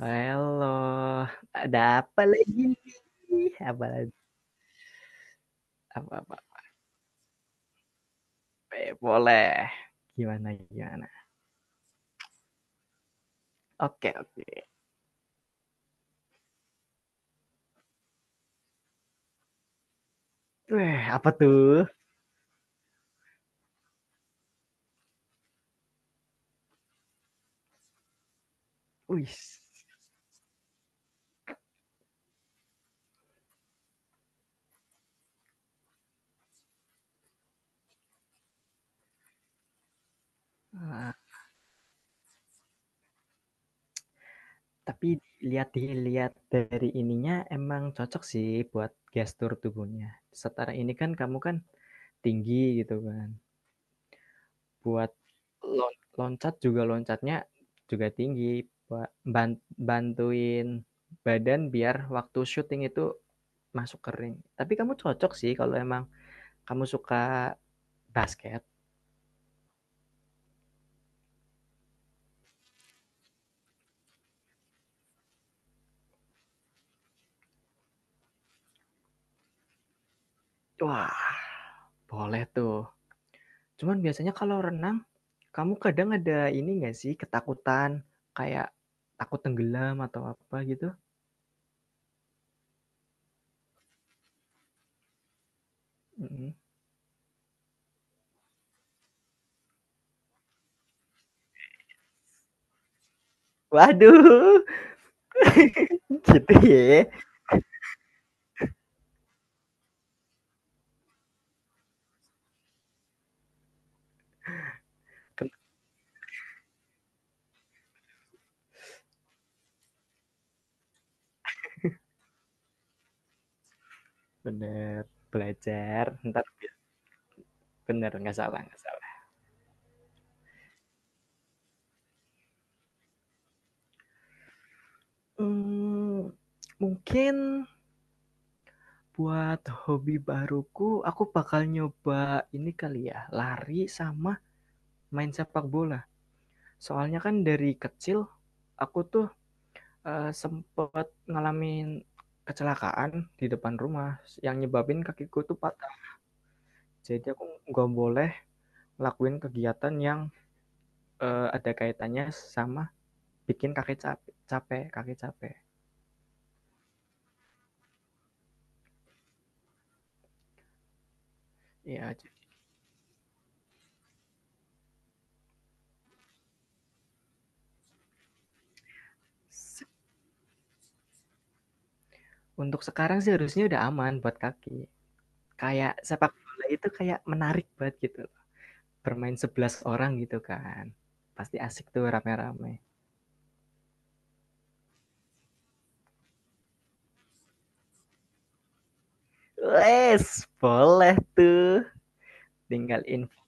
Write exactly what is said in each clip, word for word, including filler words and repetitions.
Eloh, ada apa lagi? Apa lagi? Apa apa? apa? Eh, boleh. Gimana gimana? Oke, oke. Weh, apa tuh? Wih. Tapi lihat lihat dari ininya emang cocok sih buat gestur tubuhnya. Setara ini kan kamu kan tinggi gitu kan. Buat lon loncat juga loncatnya juga tinggi. Buat ban- bantuin badan biar waktu syuting itu masuk kering. Tapi kamu cocok sih kalau emang. Kamu suka basket? Wah, boleh tuh. Cuman biasanya kalau renang, kamu kadang ada ini nggak sih, ketakutan, kayak takut tenggelam atau apa gitu? Mhm. Waduh, gitu ya. bener, belajar, ntar. Bener, nggak salah nggak salah. Mmm, mungkin buat hobi baruku, aku bakal nyoba ini kali ya, lari sama main sepak bola. Soalnya kan dari kecil, aku tuh Eee, sempet ngalamin kecelakaan di depan rumah yang nyebabin kakiku tuh patah. Jadi aku nggak boleh lakuin kegiatan yang, eee, ada kaitannya sama bikin kaki cap capek kaki capek. Iya, ja untuk sekarang sih harusnya udah aman buat kaki. Kayak sepak bola itu kayak menarik banget gitu, bermain sebelas orang gitu kan. Pasti asik tuh rame-rame. Wes, boleh tuh, tinggal info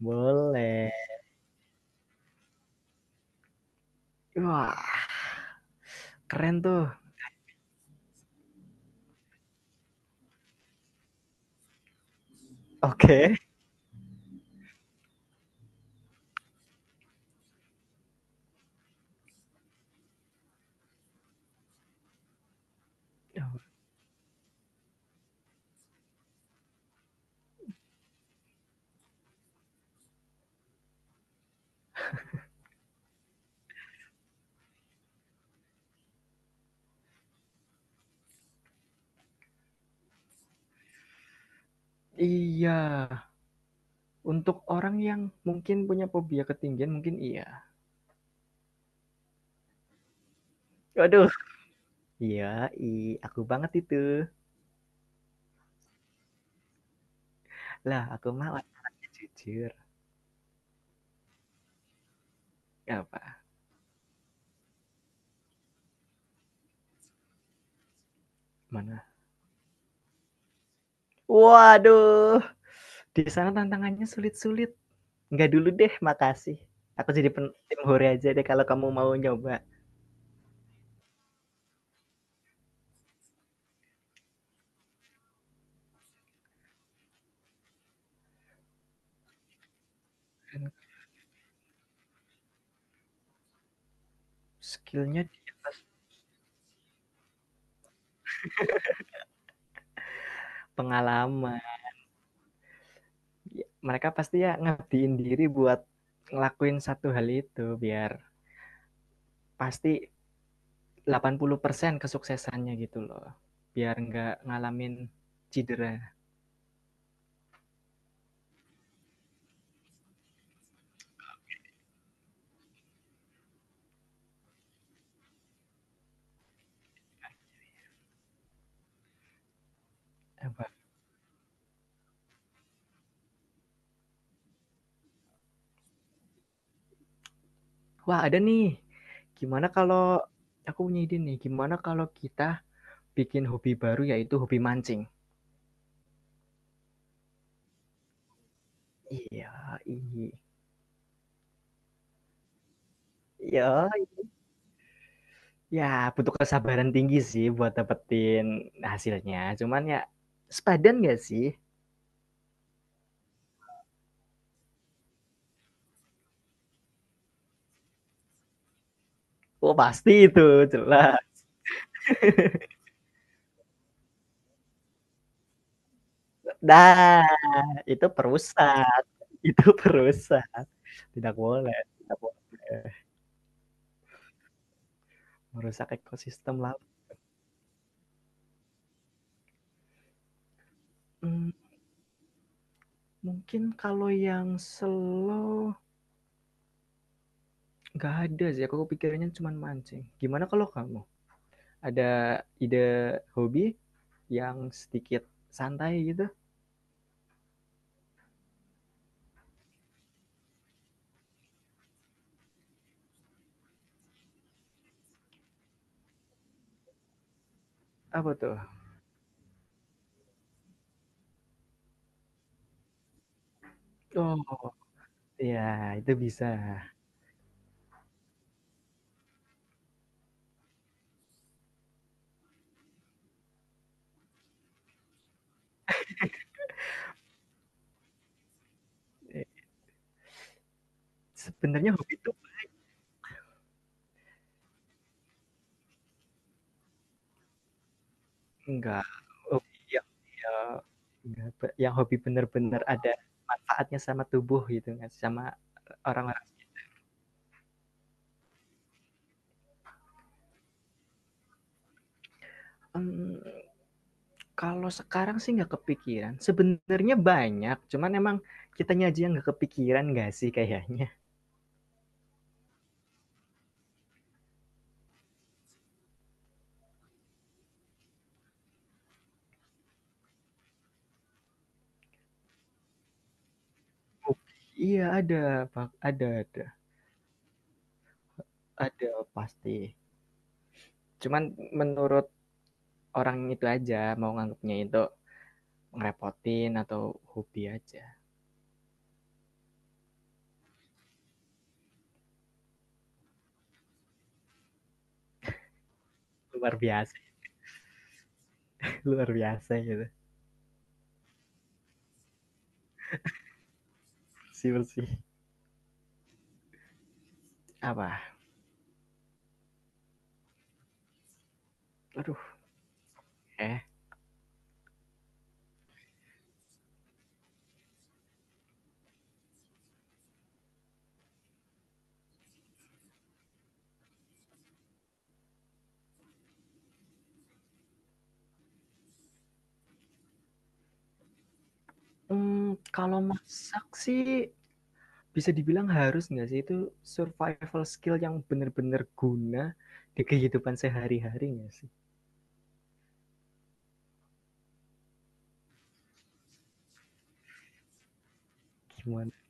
boleh. Wah, keren tuh. Oke. Okay. Iya, untuk orang yang mungkin punya fobia ketinggian mungkin iya. Waduh. Iya, i, aku banget itu. Lah, aku mah orangnya jujur. Apa? Mana? Waduh. Di sana tantangannya sulit-sulit. Enggak dulu deh, makasih. Aku jadi pen- tim hore aja deh kalau kamu mau nyoba. Skillnya di atas. Pengalaman. Ya, mereka pasti ya ngabdiin diri buat ngelakuin satu hal itu biar pasti delapan puluh persen kesuksesannya gitu loh. Biar nggak ngalamin cedera. Wah, ada nih. Gimana kalau aku punya ide nih. Gimana kalau kita bikin hobi baru yaitu hobi mancing? Iya, iya. Ya, ya, butuh kesabaran tinggi sih buat dapetin hasilnya. Cuman ya sepadan gak sih? Oh pasti itu jelas. Nah itu perusak, itu perusak. Tidak boleh, tidak boleh. Merusak ekosistem laut. Mmm, mungkin kalau yang slow nggak ada sih aku kepikirannya cuman mancing. Gimana kalau kamu? Ada ide hobi yang sedikit santai gitu? Apa tuh? Oh, iya itu bisa. Eee, sebenarnya hobi itu enggak, hobi yang dia enggak be yang hobi bener-bener ada manfaatnya sama tubuh gitu kan, sama orang-orang mmm. Kalau sekarang sih nggak kepikiran, sebenarnya banyak, cuman emang kitanya aja yang nggak kepikiran nggak sih kayaknya? Oh. Iya ada, pak ada ada, ada pasti. Cuman menurut orang itu aja, mau nganggapnya itu ngerepotin atau hobi aja. Luar biasa luar biasa gitu, bersih bersih. Apa? Aduh, eh, mmm, kalau masak sih, bisa dibilang harus nggak sih itu survival skill yang benar-benar guna di kehidupan sehari-hari nggak sih? Gimana?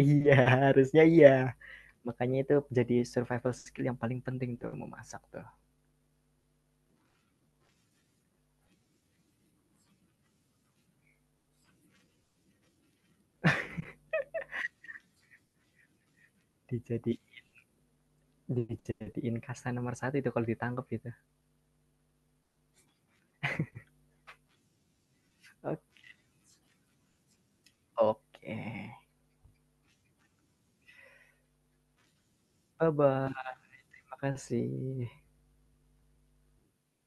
Iya, harusnya iya. Makanya itu jadi survival skill yang paling penting tuh memasak tuh. Dijadi dijadiin kasta nomor satu itu kalau ditangkap itu. Ok oke. Okay. Bye-bye, makasih.